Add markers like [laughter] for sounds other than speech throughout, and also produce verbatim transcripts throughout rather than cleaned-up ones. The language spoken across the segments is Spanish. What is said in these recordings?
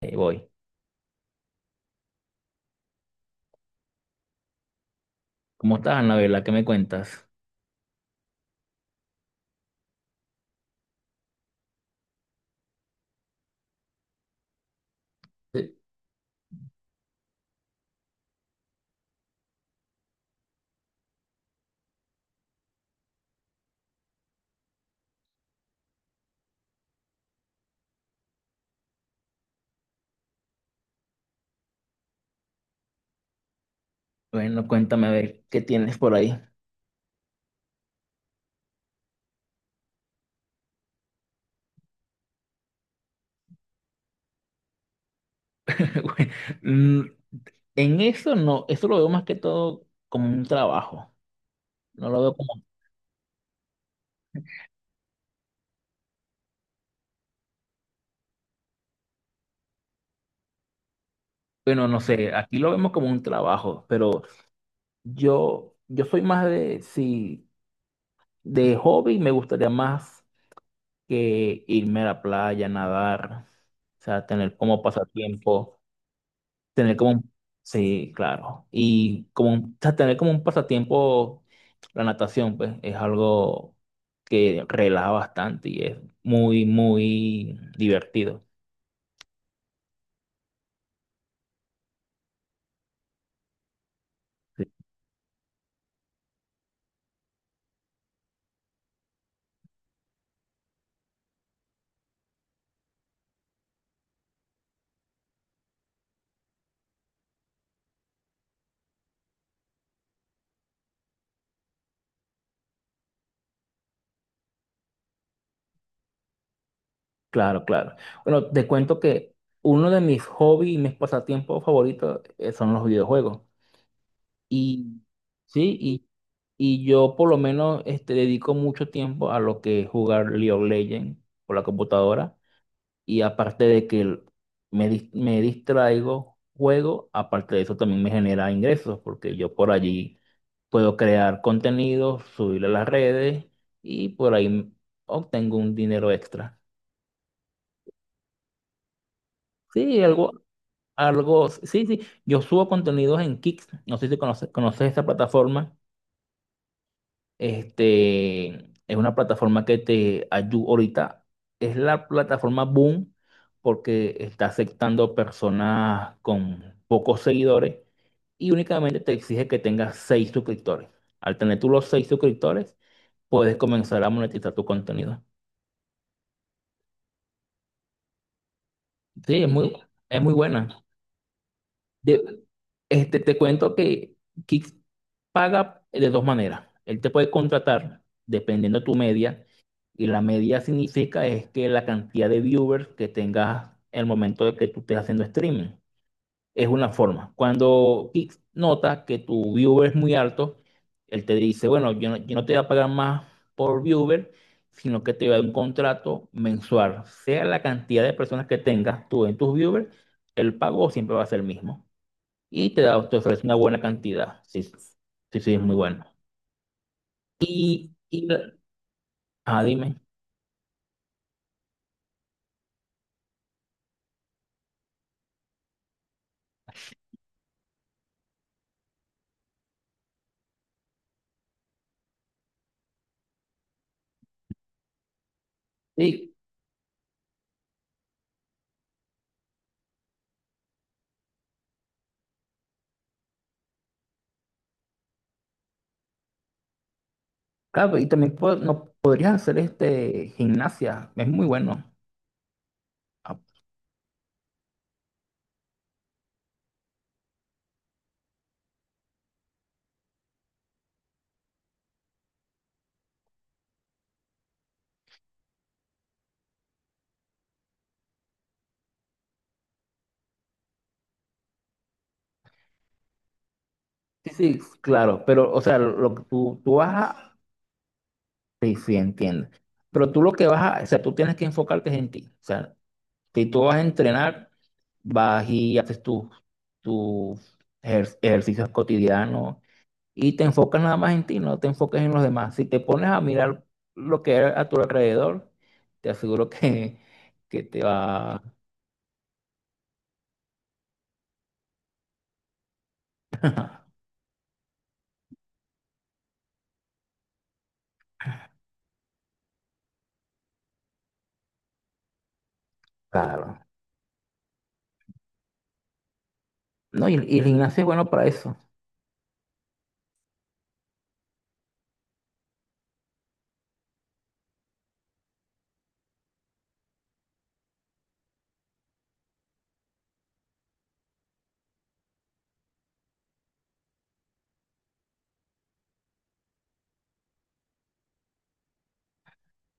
Ahí voy. ¿Cómo estás, Anabela? ¿Qué me cuentas? Sí. Bueno, cuéntame a ver qué tienes por ahí. [laughs] Bueno, Mm, en eso no, eso lo veo más que todo como un trabajo. No lo veo como, bueno, no sé, aquí lo vemos como un trabajo, pero yo, yo soy más de, si de hobby me gustaría más que irme a la playa, nadar, o sea, tener como pasatiempo. Tener como un, sí, claro. Y como un- o sea, tener como un pasatiempo, la natación, pues, es algo que relaja bastante y es muy, muy divertido. Sí. Claro, claro. Bueno, te cuento que uno de mis hobbies y mis pasatiempos favoritos eh, son los videojuegos. Y sí, y, y yo por lo menos este, dedico mucho tiempo a lo que es jugar League of Legends por la computadora. Y aparte de que me, dis- me distraigo, juego, aparte de eso también me genera ingresos, porque yo por allí puedo crear contenido, subirlo a las redes y por ahí obtengo un dinero extra. Sí, algo, algo, sí, sí, yo subo contenidos en Kicks, no sé si conoces, conoces esa plataforma. Este, es una plataforma que te ayuda ahorita. Es la plataforma Boom porque está aceptando personas con pocos seguidores y únicamente te exige que tengas seis suscriptores. Al tener tú los seis suscriptores, puedes comenzar a monetizar tu contenido. Sí, es muy, es muy buena. De- este, te cuento que Kick paga de dos maneras. Él te puede contratar dependiendo de tu media y la media significa es que la cantidad de viewers que tengas en el momento de que tú estés haciendo streaming. Es una forma. Cuando Kick nota que tu viewer es muy alto, él te dice, bueno, yo no, yo no te voy a pagar más por viewer, sino que te voy a dar un contrato mensual. Sea la cantidad de personas que tengas tú en tus viewers, el pago siempre va a ser el mismo y te da, te ofrece una buena cantidad. Sí, sí, sí, es muy bueno. Y, y la- ah, dime. Sí, claro, y también po- no, podrías hacer este gimnasia, es muy bueno. Ah, sí, sí, claro, pero, o sea, lo que tú, tú vas a, sí, sí, entiendo. Pero tú lo que vas a, o sea, tú tienes que enfocarte en ti. O sea, si tú vas a entrenar, vas y haces tus tus ejer- ejercicios cotidianos y te enfocas nada más en ti, no te enfocas en los demás. Si te pones a mirar lo que hay a tu alrededor, te aseguro que, que te va... [laughs] Claro. No, y, y el gimnasio es bueno para eso.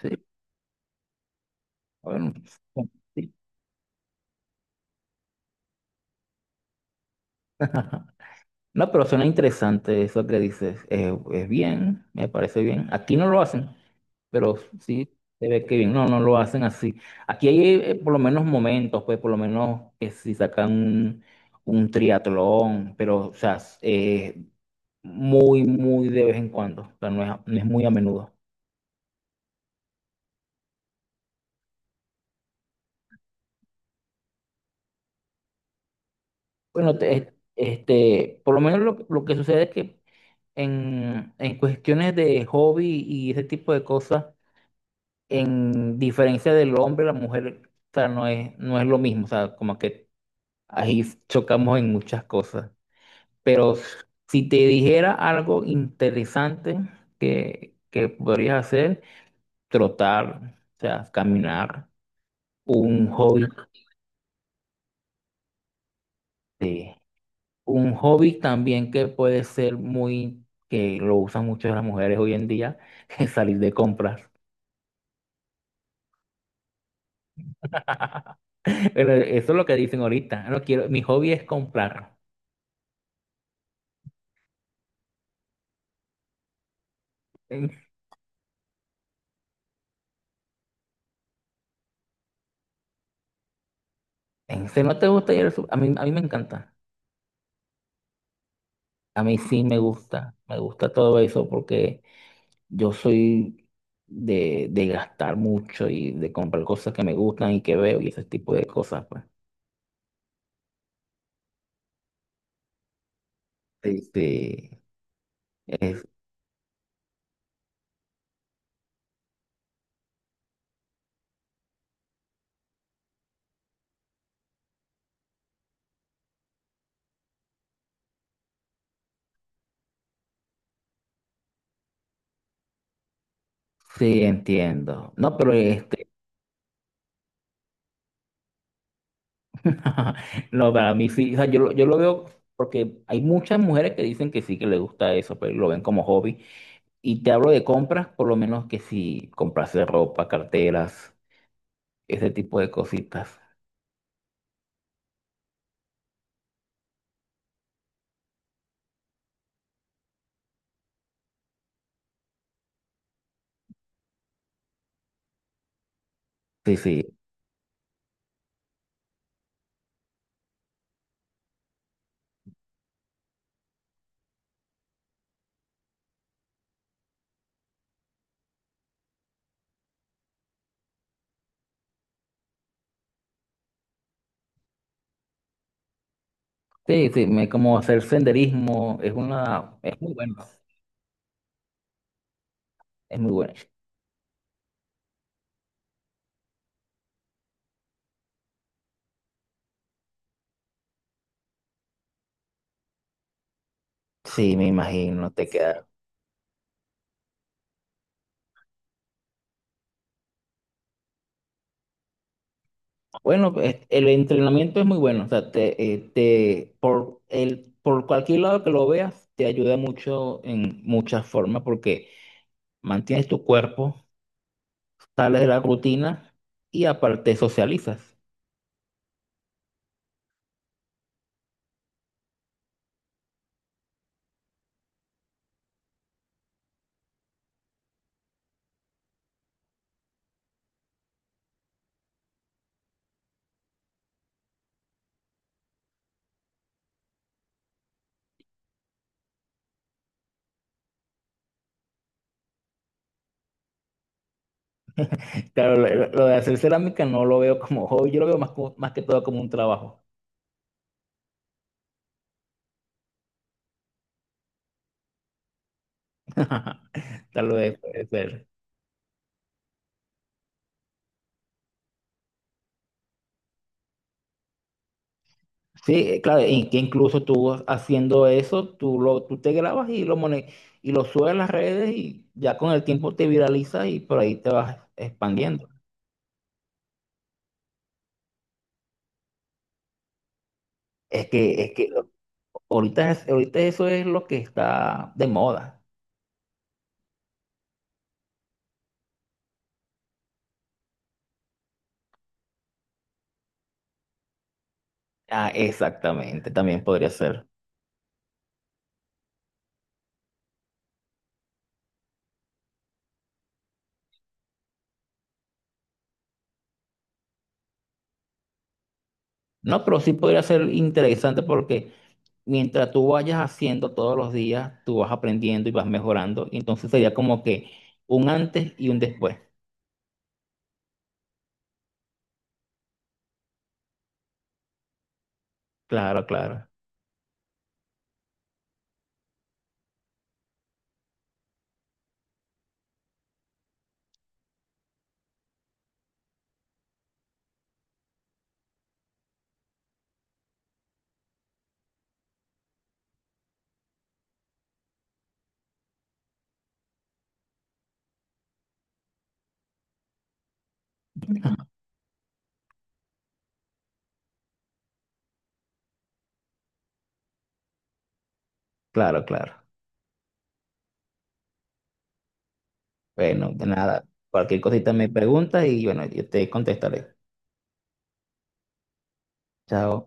Sí. Bueno, sí. [laughs] No, pero suena interesante eso que dices. Es, es bien, me parece bien. Aquí no lo hacen, pero sí se ve que bien. No, no lo hacen así. Aquí hay eh, por lo menos momentos, pues por lo menos que si sacan un, un triatlón, pero o sea, s- eh, muy, muy de vez en cuando, o sea, no es, no es muy a menudo. Bueno, te- este, por lo menos lo, lo que sucede es que en, en cuestiones de hobby y ese tipo de cosas, en diferencia del hombre, la mujer, o sea, no es, no es lo mismo, o sea, como que ahí chocamos en muchas cosas. Pero si te dijera algo interesante que, que podrías hacer, trotar, o sea, caminar, un hobby. Sí. Un hobby también que puede ser muy, que lo usan mucho las mujeres hoy en día, [laughs] es salir de compras. [laughs] Pero eso es lo que dicen ahorita. No quiero, mi hobby es comprar. En- en- Si no te gusta ir al sup- a mí, a mí me encanta. A mí sí me gusta. Me gusta todo eso porque yo soy de, de gastar mucho y de comprar cosas que me gustan y que veo y ese tipo de cosas, pues. Sí, sí, es- sí, entiendo. No, pero este. [laughs] No, para mí sí, o sea, yo, lo- yo lo veo porque hay muchas mujeres que dicen que sí, que les gusta eso, pero lo ven como hobby. Y te hablo de compras, por lo menos que si comprarse ropa, carteras, ese tipo de cositas. Sí, sí, sí, sí, me, como hacer senderismo, es una, es muy bueno, es muy bueno. Sí, me imagino, te queda. Bueno, pues, el entrenamiento es muy bueno, o sea, te, eh, te, por, el, por cualquier lado que lo veas, te ayuda mucho en muchas formas porque... mantienes tu cuerpo, sales de la rutina y aparte socializas. Claro, lo, lo- lo de hacer cerámica no lo veo como hobby, yo lo veo más, como- más que todo como un trabajo. [laughs] Tal vez puede ser. Sí, eh, claro, y que incluso tú haciendo eso, tú, lo, tú te grabas y lo, mone- y lo subes a las redes y ya con el tiempo te viraliza y por ahí te vas expandiendo. Es que, es que ahorita, es- ahorita eso es lo que está de moda. Ah, exactamente, también podría ser. No, pero sí podría ser interesante porque mientras tú vayas haciendo todos los días, tú vas aprendiendo y vas mejorando. Y entonces sería como que un antes y un después. Claro, claro, claro, claro. Bueno, de nada. Cualquier cosita me preguntas y bueno, yo te contestaré. Chao.